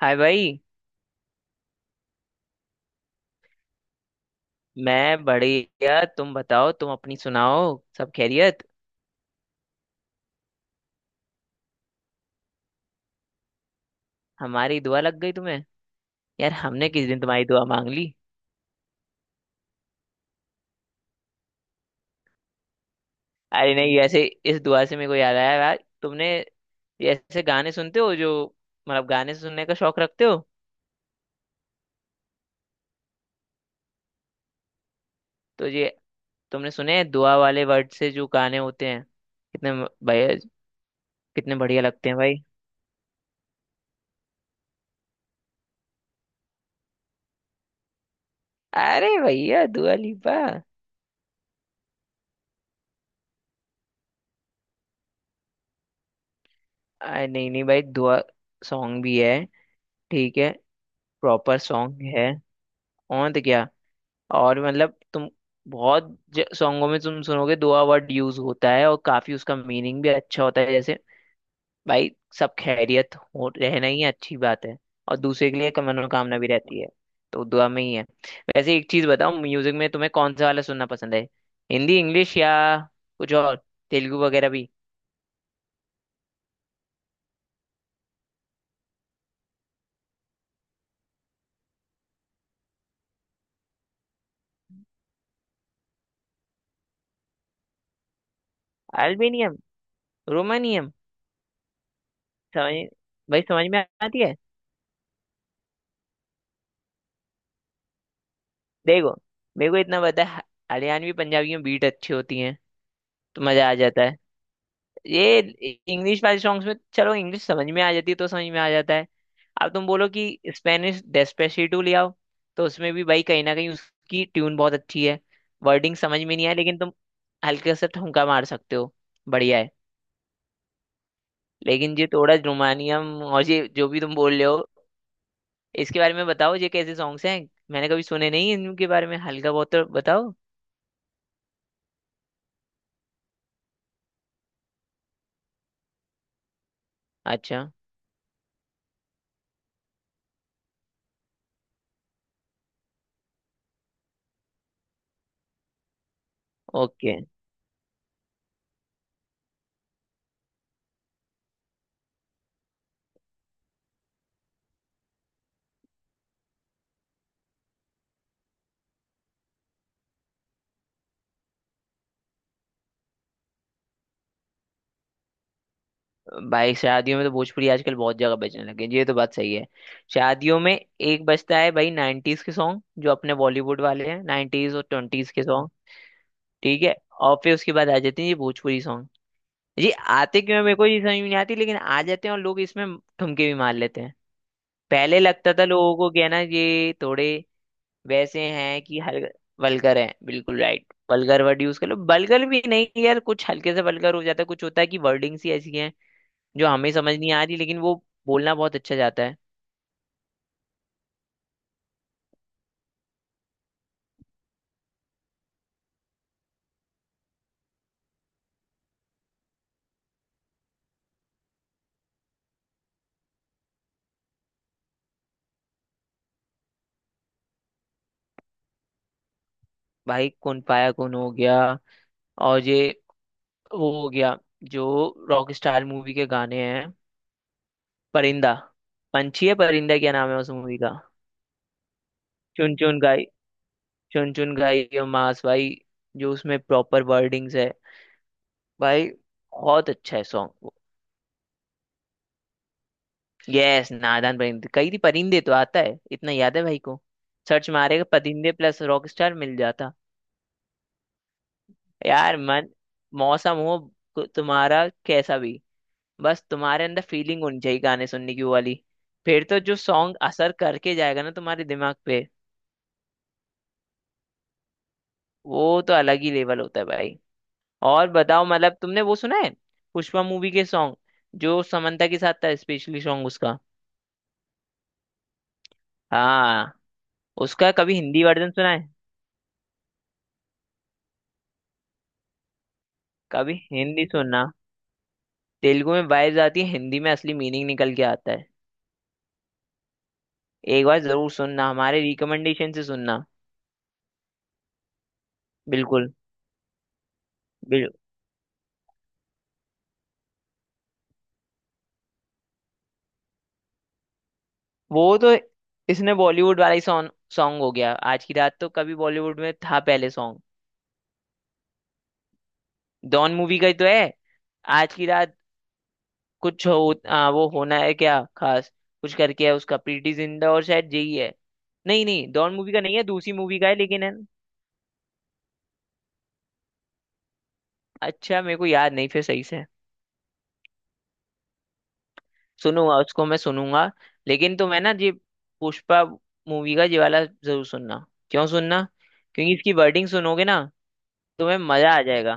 हाय भाई। मैं बढ़िया, तुम बताओ, तुम अपनी सुनाओ, सब खैरियत? हमारी दुआ लग गई तुम्हें। यार हमने किस दिन तुम्हारी दुआ मांग ली? अरे नहीं, ऐसे इस दुआ से मेरे को याद आया, यार तुमने ये ऐसे गाने सुनते हो जो, मतलब गाने सुनने का शौक रखते हो? तो ये, तुमने सुने हैं दुआ वाले वर्ड से जो गाने होते हैं कितने भैया, कितने बढ़िया लगते हैं भाई। अरे भैया दुआ लिपा! अरे नहीं नहीं भाई, दुआ सॉन्ग भी है, ठीक है, प्रॉपर सॉन्ग है। और तो क्या, और मतलब तुम बहुत सॉन्गों में तुम सुनोगे दुआ वर्ड यूज होता है और काफी उसका मीनिंग भी अच्छा होता है। जैसे भाई, सब खैरियत हो रहना ही अच्छी बात है, और दूसरे के लिए एक मनोकामना भी रहती है, तो दुआ में ही है। वैसे एक चीज बताओ, म्यूजिक में तुम्हें कौन सा वाला सुनना पसंद है? हिंदी, इंग्लिश, या कुछ और, तेलुगु वगैरह भी? अल्बेनियम, रोमानियम, समझ, भाई समझ में आती है। देखो, मेरे को इतना पता है, हरियाणवी पंजाबी में बीट अच्छी होती है तो मजा आ जाता है। ये इंग्लिश वाले सॉन्ग्स में, चलो इंग्लिश समझ में आ जाती है तो समझ में आ जाता है। अब तुम बोलो कि स्पेनिश डेस्पेसिटो ले आओ, तो उसमें भी भाई कहीं ना कहीं उसकी ट्यून बहुत अच्छी है, वर्डिंग समझ में नहीं आया, लेकिन तुम हल्के से ठुमका मार सकते हो, बढ़िया है। लेकिन ये थोड़ा रोमानियम और ये जो भी तुम बोल रहे हो, इसके बारे में बताओ, ये कैसे सॉन्ग्स हैं, मैंने कभी सुने नहीं इनके बारे में, हल्का बहुत तो बताओ। अच्छा। ओके। भाई शादियों में तो भोजपुरी आजकल बहुत जगह बजने लगे हैं, ये तो बात सही है। शादियों में एक बजता है भाई, 90s के सॉन्ग जो अपने बॉलीवुड वाले हैं, 90s और 20s के सॉन्ग, ठीक है। और फिर उसके बाद आ जाते हैं ये भोजपुरी सॉन्ग, ये आते क्यों है मेरे को ये समझ में नहीं आती, लेकिन आ जाते हैं और लोग इसमें ठुमके भी मार लेते हैं। पहले लगता था लोगों को क्या ना, ये थोड़े वैसे हैं कि हल, वल्गर हैं, बिल्कुल राइट वल्गर वर्ड यूज कर लो, वल्गर भी नहीं यार, कुछ हल्के से वल्गर हो जाता है, कुछ होता है कि वर्डिंग्स ही ऐसी हैं जो हमें समझ नहीं आ रही, लेकिन वो बोलना बहुत अच्छा जाता है। भाई कौन पाया कौन हो गया, और ये वो हो गया जो रॉक स्टार मूवी के गाने हैं, परिंदा, पंछी है परिंदा, क्या नाम है उस मूवी का? चुन चुन गाई, चुन चुन गाई, ये मास भाई, जो उसमें प्रॉपर वर्डिंग्स है भाई, बहुत अच्छा है सॉन्ग। यस, नादान परिंदे, कई थी परिंदे तो आता है, इतना याद है भाई को, सर्च मारेगा परिंदे प्लस रॉक स्टार, मिल जाता। यार मन मौसम हो तुम्हारा कैसा भी, बस तुम्हारे अंदर फीलिंग होनी चाहिए गाने सुनने की, वो वाली, फिर तो जो सॉन्ग असर करके जाएगा ना तुम्हारे दिमाग पे, वो तो अलग ही लेवल होता है भाई। और बताओ, मतलब तुमने वो सुना है, पुष्पा मूवी के सॉन्ग, जो समंता के साथ था, स्पेशली सॉन्ग उसका। हाँ। उसका कभी हिंदी वर्जन सुना है? कभी हिंदी सुनना, तेलुगु में वाइब्स आती है, हिंदी में असली मीनिंग निकल के आता है, एक बार जरूर सुनना, हमारे रिकमेंडेशन से सुनना। बिल्कुल। बिल, वो तो इसने बॉलीवुड वाला ही सॉन्ग, सॉन्ग हो गया आज की रात, तो कभी बॉलीवुड में था पहले सॉन्ग, डॉन मूवी का ही तो है आज की रात, कुछ हो वो होना है क्या खास, कुछ करके है उसका, प्रीटी जिंटा और शायद यही है। नहीं नहीं डॉन मूवी का नहीं है, दूसरी मूवी का है, लेकिन है। अच्छा मेरे को याद नहीं फिर सही से, सुनूंगा उसको मैं सुनूंगा। लेकिन तो मैं ना, ये पुष्पा मूवी का ये वाला जरूर सुनना। क्यों सुनना? क्योंकि इसकी वर्डिंग सुनोगे ना तुम्हें मजा आ जाएगा।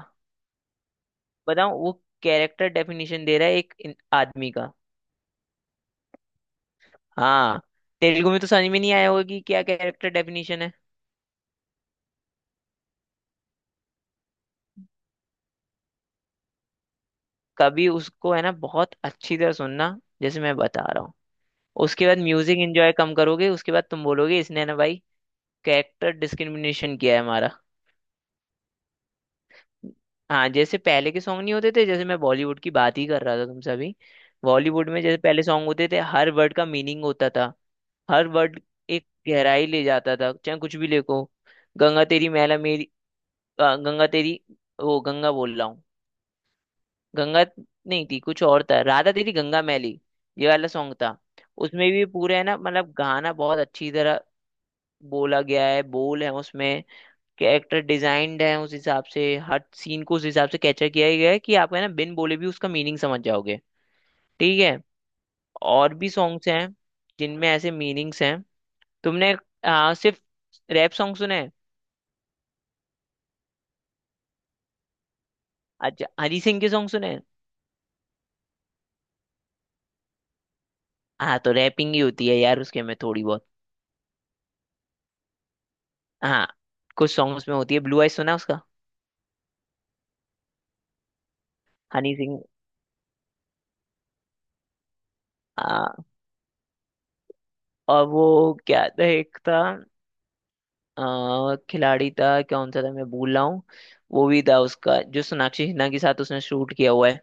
बताऊं वो, कैरेक्टर डेफिनेशन दे रहा है एक आदमी का। हाँ। तेलुगु में तो समझ में नहीं आया होगा कि क्या कैरेक्टर डेफिनेशन है। कभी उसको है ना बहुत अच्छी तरह सुनना जैसे मैं बता रहा हूँ। उसके बाद म्यूजिक एंजॉय कम करोगे, उसके बाद तुम बोलोगे इसने ना भाई कैरेक्टर डिस्क्रिमिनेशन किया है हमारा। हाँ जैसे पहले के सॉन्ग नहीं होते थे, जैसे मैं बॉलीवुड की बात ही कर रहा था तुमसे अभी, बॉलीवुड में जैसे पहले सॉन्ग होते थे, हर वर्ड का मीनिंग होता था, हर वर्ड एक गहराई ले जाता था, चाहे कुछ भी लिखो। गंगा तेरी मैला मेरी, गंगा तेरी, वो गंगा बोल रहा हूँ, गंगा नहीं थी, कुछ और था, राधा तेरी गंगा मैली, ये वाला सॉन्ग था। उसमें भी पूरे है ना, मतलब गाना बहुत अच्छी तरह बोला गया है, बोल है उसमें, कैरेक्टर डिजाइंड है उस हिसाब से, हर सीन को उस हिसाब से कैप्चर किया गया है कि आप है ना बिन बोले भी उसका मीनिंग समझ जाओगे, ठीक है। और भी सॉन्ग्स हैं जिनमें ऐसे मीनिंग्स हैं। तुमने सिर्फ रैप सॉन्ग सुने हैं? अच्छा, हनी सिंह के सॉन्ग सुने हैं? हाँ तो रैपिंग ही होती है यार उसके में थोड़ी बहुत, हाँ कुछ सॉन्ग्स में होती है। ब्लू आइज सुना है उसका, हनी सिंह। हाँ, और वो क्या था, एक था खिलाड़ी था, कौन सा था, मैं भूल रहा हूँ, वो भी था उसका जो सोनाक्षी सिन्हा के साथ उसने शूट किया हुआ है।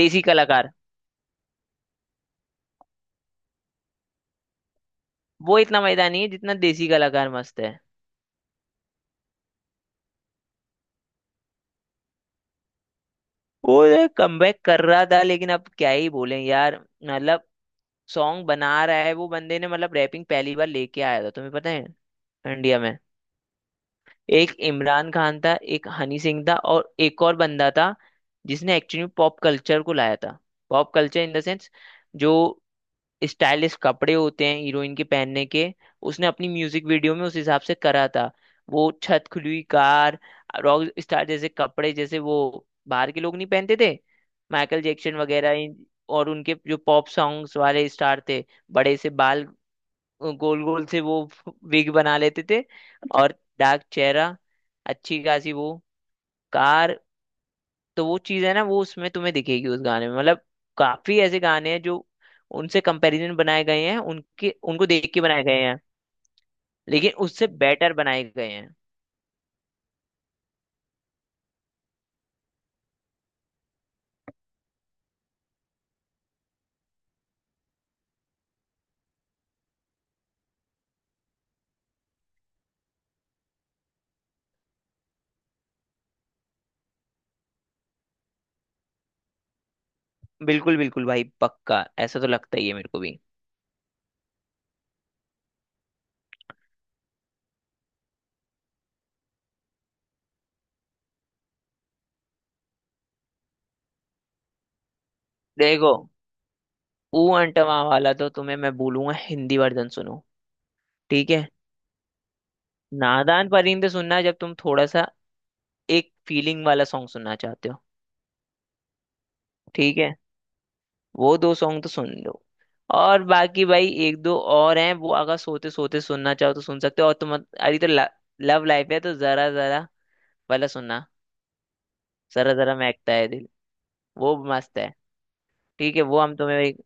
देसी कलाकार। वो इतना मजेदार नहीं है जितना देसी कलाकार मस्त है। वो कमबैक कर रहा था, लेकिन अब क्या ही बोले यार, मतलब सॉन्ग बना रहा है वो बंदे ने, मतलब रैपिंग पहली बार लेके आया था तुम्हें पता है, इंडिया में, एक इमरान खान था, एक हनी सिंह था, और एक और बंदा था जिसने एक्चुअली पॉप कल्चर को लाया था, pop culture in the sense, जो स्टाइलिश कपड़े होते हैं हीरोइन के पहनने के, उसने अपनी म्यूजिक वीडियो में उस हिसाब से करा था। वो छत खुली हुई कार, रॉक स्टार जैसे कपड़े, जैसे वो बाहर के लोग नहीं पहनते थे, माइकल जैक्सन वगैरह और उनके जो पॉप सॉन्ग्स वाले स्टार थे, बड़े से बाल, गोल गोल से वो विग बना लेते थे, और डार्क चेहरा, अच्छी खासी वो कार। तो वो चीज है ना, वो उसमें तुम्हें दिखेगी उस गाने में, मतलब काफी ऐसे गाने हैं जो उनसे कंपैरिजन बनाए गए हैं, उनके उनको देख के बनाए गए हैं, लेकिन उससे बेटर बनाए गए हैं। बिल्कुल बिल्कुल भाई, पक्का ऐसा तो लगता ही है मेरे को भी। देखो ऊ अंटवा वाला तो तुम्हें मैं बोलूंगा हिंदी वर्जन सुनो, ठीक है। नादान परिंदे सुनना जब तुम थोड़ा सा एक फीलिंग वाला सॉन्ग सुनना चाहते हो। ठीक है वो दो सॉन्ग तो सुन लो, और बाकी भाई एक दो और हैं वो अगर सोते सोते सुनना चाहो तो सुन सकते हो, और तुम अरे तो लव लाइफ है तो जरा जरा वाला सुनना, जरा जरा महकता है दिल, वो मस्त है। ठीक है वो हम तुम्हें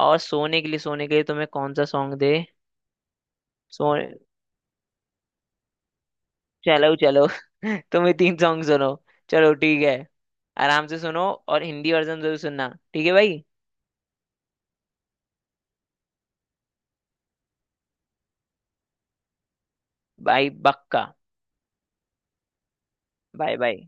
और सोने के लिए, सोने के लिए तुम्हें कौन सा सॉन्ग दे। सो चलो चलो तुम्हें तीन सॉन्ग सुनो, चलो ठीक है, आराम से सुनो, और हिंदी वर्जन जरूर सुनना ठीक है भाई। बाय बक्का, बाय बाय।